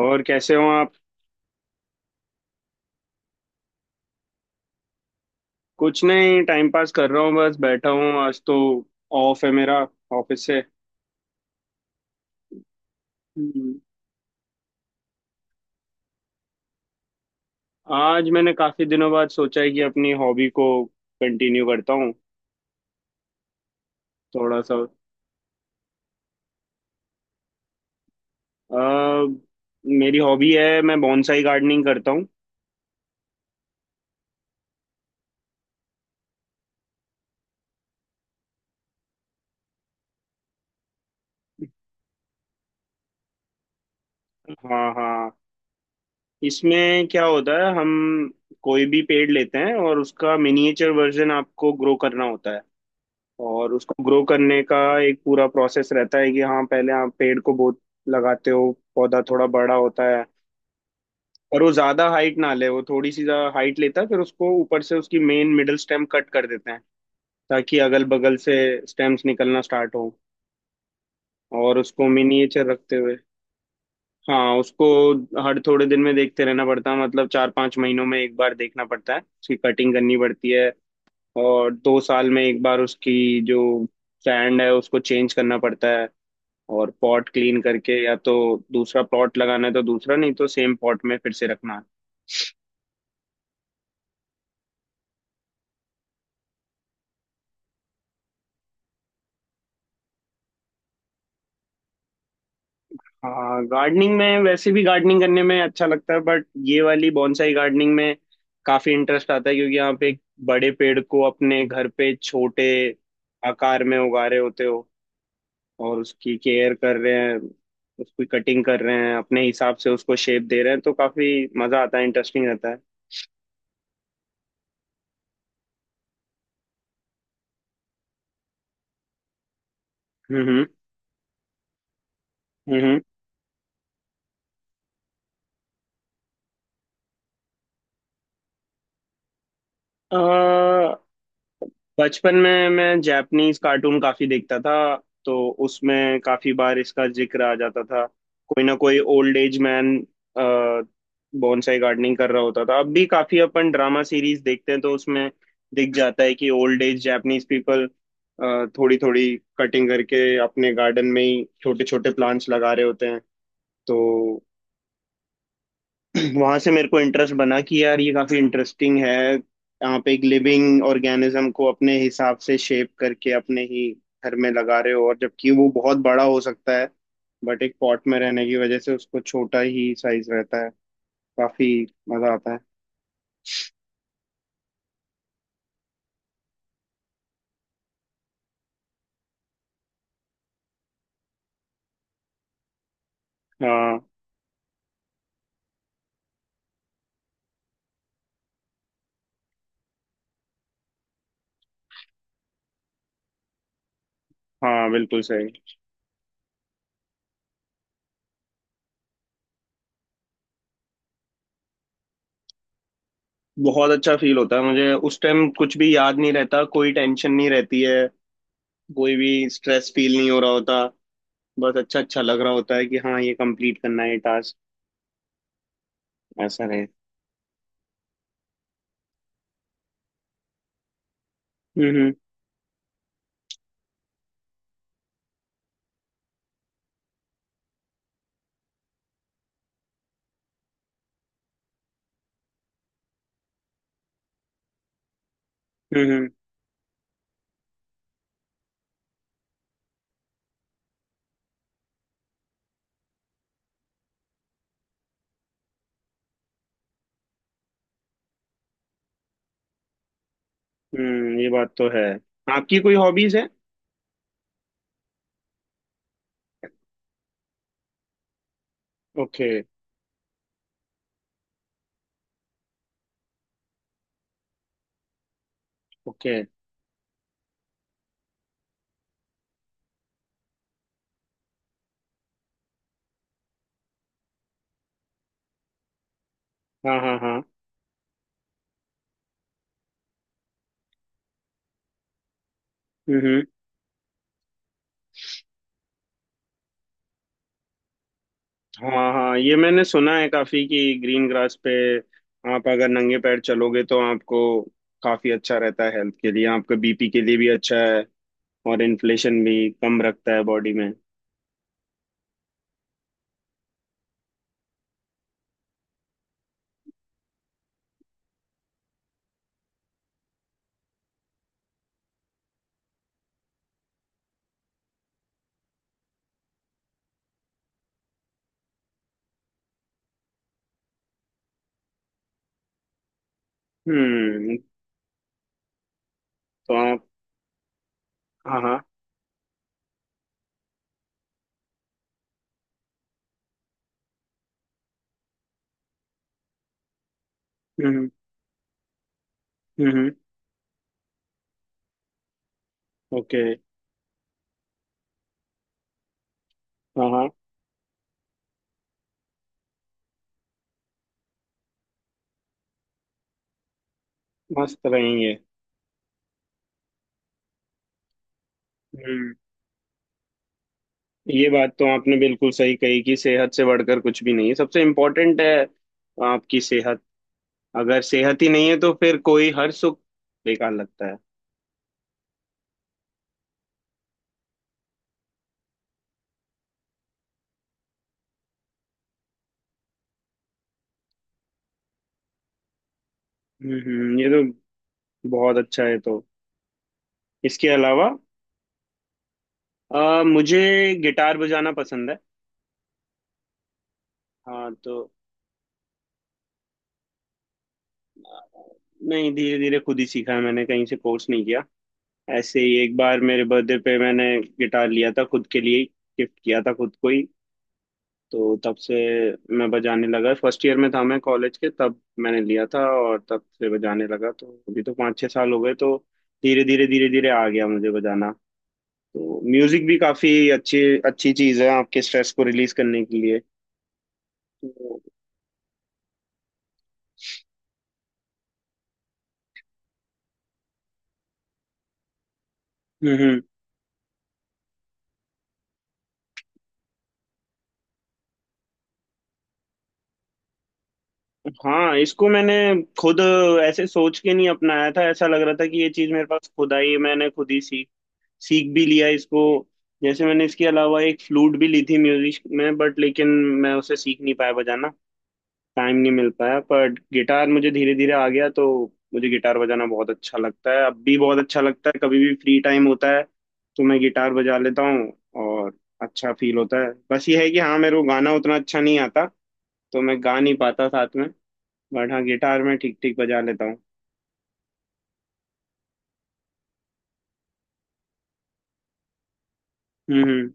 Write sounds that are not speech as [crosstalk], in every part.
और कैसे हो आप? कुछ नहीं, टाइम पास कर रहा हूँ बस बैठा हूँ आज तो। ऑफ है मेरा ऑफिस से। हम्म। आज मैंने काफी दिनों बाद सोचा है कि अपनी हॉबी को कंटिन्यू करता हूँ थोड़ा सा। अ, मेरी हॉबी है, मैं बॉन्साई गार्डनिंग करता हूँ। हाँ, हाँ। इसमें क्या होता है, हम कोई भी पेड़ लेते हैं और उसका मिनिएचर वर्जन आपको ग्रो करना होता है। और उसको ग्रो करने का एक पूरा प्रोसेस रहता है कि हाँ, पहले आप पेड़ को बहुत लगाते हो, पौधा थोड़ा बड़ा होता है। और वो ज्यादा हाइट ना ले, वो थोड़ी सी हाइट लेता है, फिर उसको ऊपर से उसकी मेन मिडिल स्टेम कट कर देते हैं ताकि अगल बगल से स्टेम्स निकलना स्टार्ट हो। और उसको मिनिएचर रखते हुए, हाँ, उसको हर थोड़े दिन में देखते रहना पड़ता है, मतलब 4-5 महीनों में एक बार देखना पड़ता है, उसकी कटिंग करनी पड़ती है। और 2 साल में एक बार उसकी जो सैंड है उसको चेंज करना पड़ता है। और पॉट क्लीन करके या तो दूसरा पॉट लगाना है तो दूसरा, नहीं तो सेम पॉट में फिर से रखना है। हाँ, गार्डनिंग में वैसे भी गार्डनिंग करने में अच्छा लगता है, बट ये वाली बॉन्साई गार्डनिंग में काफी इंटरेस्ट आता है, क्योंकि आप एक बड़े पेड़ को अपने घर पे छोटे आकार में उगा रहे होते हो। और उसकी केयर कर रहे हैं, उसकी कटिंग कर रहे हैं, अपने हिसाब से उसको शेप दे रहे हैं, तो काफी मजा आता है, इंटरेस्टिंग रहता है। हम्म, हम्म, हम्म। बचपन में मैं जापानीज कार्टून काफी देखता था, तो उसमें काफी बार इसका जिक्र आ जाता था। कोई ना कोई old age man bonsai gardening कर रहा होता था, अब भी काफी अपन ड्रामा सीरीज देखते हैं तो उसमें दिख जाता है कि ओल्ड एज जापानीज पीपल थोड़ी थोड़ी कटिंग करके अपने गार्डन में ही छोटे छोटे प्लांट्स लगा रहे होते हैं। तो [clears throat] वहां से मेरे को इंटरेस्ट बना कि यार ये काफी इंटरेस्टिंग है। आप एक लिविंग ऑर्गेनिज्म को अपने हिसाब से शेप करके अपने ही घर में लगा रहे हो, और जबकि वो बहुत बड़ा हो सकता है, बट एक पॉट में रहने की वजह से उसको छोटा ही साइज रहता है, काफी मजा आता है। हाँ, हाँ, बिल्कुल सही। बहुत अच्छा फील होता है, मुझे उस टाइम कुछ भी याद नहीं रहता, कोई टेंशन नहीं रहती है, कोई भी स्ट्रेस फील नहीं हो रहा होता, बस अच्छा अच्छा लग रहा होता है कि हाँ, ये कंप्लीट करना है टास्क ऐसा रहे। हम्म, हम्म। हम्म, हम्म, ये बात तो है। आपकी कोई हॉबीज है? ओके। ओके। हाँ, हाँ, हाँ। हम्म। हाँ, हाँ। ये मैंने सुना है काफी कि ग्रीन ग्रास पे आप अगर नंगे पैर चलोगे तो आपको काफी अच्छा रहता है हेल्थ के लिए, आपका बीपी के लिए भी अच्छा है। और इन्फ्लेशन भी कम रखता है बॉडी में। हम्म। तो आप। हाँ, हाँ। हम्म, हम्म। ओके। हाँ, हाँ। मस्त रहेंगे। हम्म, ये बात तो आपने बिल्कुल सही कही कि सेहत से बढ़कर कुछ भी नहीं है, सबसे इम्पोर्टेंट है आपकी सेहत। अगर सेहत ही नहीं है तो फिर कोई हर सुख बेकार लगता है। हम्म, ये तो बहुत अच्छा है, तो। इसके अलावा मुझे गिटार बजाना पसंद है। हाँ, तो अ, नहीं, धीरे धीरे खुद ही सीखा है मैंने, कहीं से कोर्स नहीं किया। ऐसे ही एक बार मेरे बर्थडे पे मैंने गिटार लिया था खुद के लिए, गिफ्ट किया था खुद को ही। तो तब से मैं बजाने लगा, फर्स्ट ईयर में था मैं कॉलेज के, तब मैंने लिया था और तब से बजाने लगा, तो अभी तो 5-6 साल हो गए तो। धीरे धीरे धीरे धीरे आ गया मुझे बजाना। तो म्यूजिक भी काफी अच्छी अच्छी चीज है आपके स्ट्रेस को रिलीज करने के लिए, तो। हम्म, हाँ, इसको मैंने खुद ऐसे सोच के नहीं अपनाया था, ऐसा लग रहा था कि ये चीज मेरे पास खुद आई है, मैंने खुद ही सीख सीख भी लिया इसको। जैसे मैंने इसके अलावा एक फ्लूट भी ली थी म्यूजिक में, बट लेकिन मैं उसे सीख नहीं पाया बजाना, टाइम नहीं मिल पाया, पर गिटार मुझे धीरे धीरे आ गया, तो मुझे गिटार बजाना बहुत अच्छा लगता है, अब भी बहुत अच्छा लगता है, कभी भी फ्री टाइम होता है तो मैं गिटार बजा लेता हूँ। और अच्छा फील होता है, बस ये है कि हाँ, मेरे को गाना उतना अच्छा नहीं आता, तो मैं गा नहीं पाता साथ में। बट हाँ, गिटार में ठीक ठीक बजा लेता हूँ। हम्म, हम्म।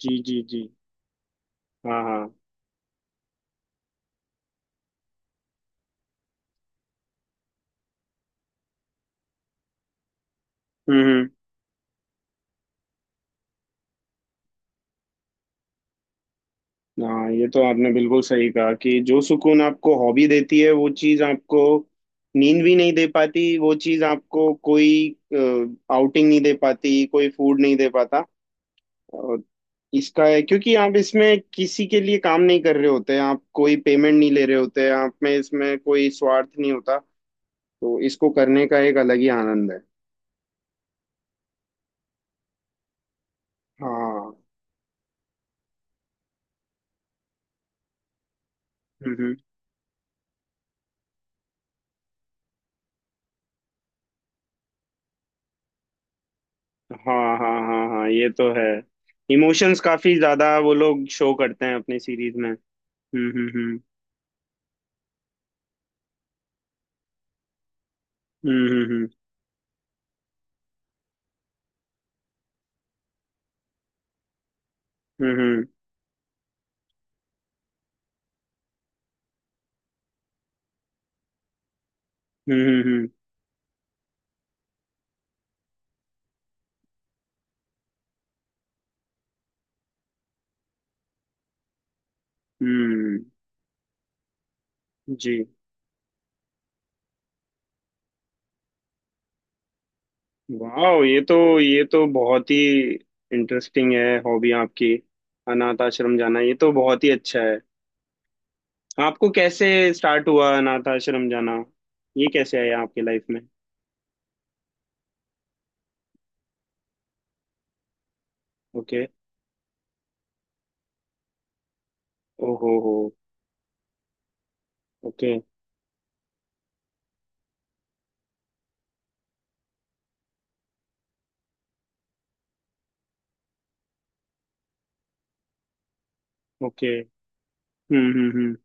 जी, जी, जी। हाँ, हाँ। हम्म, हम्म। हाँ, ये तो आपने बिल्कुल सही कहा कि जो सुकून आपको हॉबी देती है वो चीज आपको नींद भी नहीं दे पाती, वो चीज आपको कोई आउटिंग नहीं दे पाती, कोई फूड नहीं दे पाता। और इसका है क्योंकि आप इसमें किसी के लिए काम नहीं कर रहे होते, आप कोई पेमेंट नहीं ले रहे होते, आप में इसमें कोई स्वार्थ नहीं होता। तो इसको करने का एक अलग ही आनंद है। हाँ। हम्म। हाँ, हाँ, हाँ, हाँ, ये तो है। इमोशंस काफी ज्यादा वो लोग शो करते हैं अपनी सीरीज में। हम्म, हम्म, हम्म, हम्म, हम्म, हम्म, हम्म, हम्म, जी। वाह, ये तो बहुत ही इंटरेस्टिंग है हॉबी आपकी। अनाथ आश्रम जाना ये तो बहुत ही अच्छा है। आपको कैसे स्टार्ट हुआ अनाथ आश्रम जाना, ये कैसे आया आपकी लाइफ में? ओके। ओहो हो। ओके। ओके। हम्म, हम्म,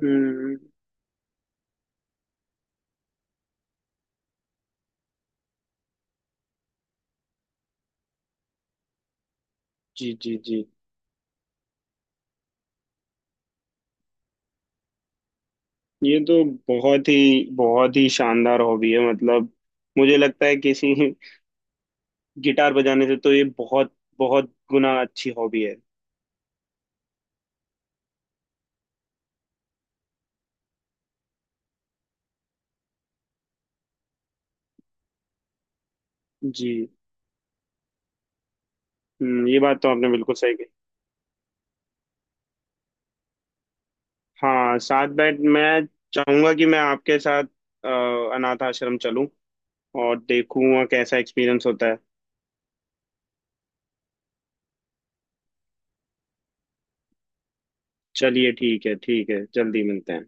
हम्म, जी, जी, जी। ये तो बहुत ही बहुत ही शानदार हॉबी है, मतलब मुझे लगता है किसी गिटार बजाने से तो ये बहुत बहुत गुना अच्छी हॉबी है। जी। हम्म, ये बात तो आपने बिल्कुल सही कही। हाँ, साथ बैठ मैं चाहूंगा कि मैं आपके साथ अ, अनाथ आश्रम चलूं और देखूं वहाँ कैसा एक्सपीरियंस होता है। चलिए, ठीक है, ठीक है, जल्दी मिलते हैं।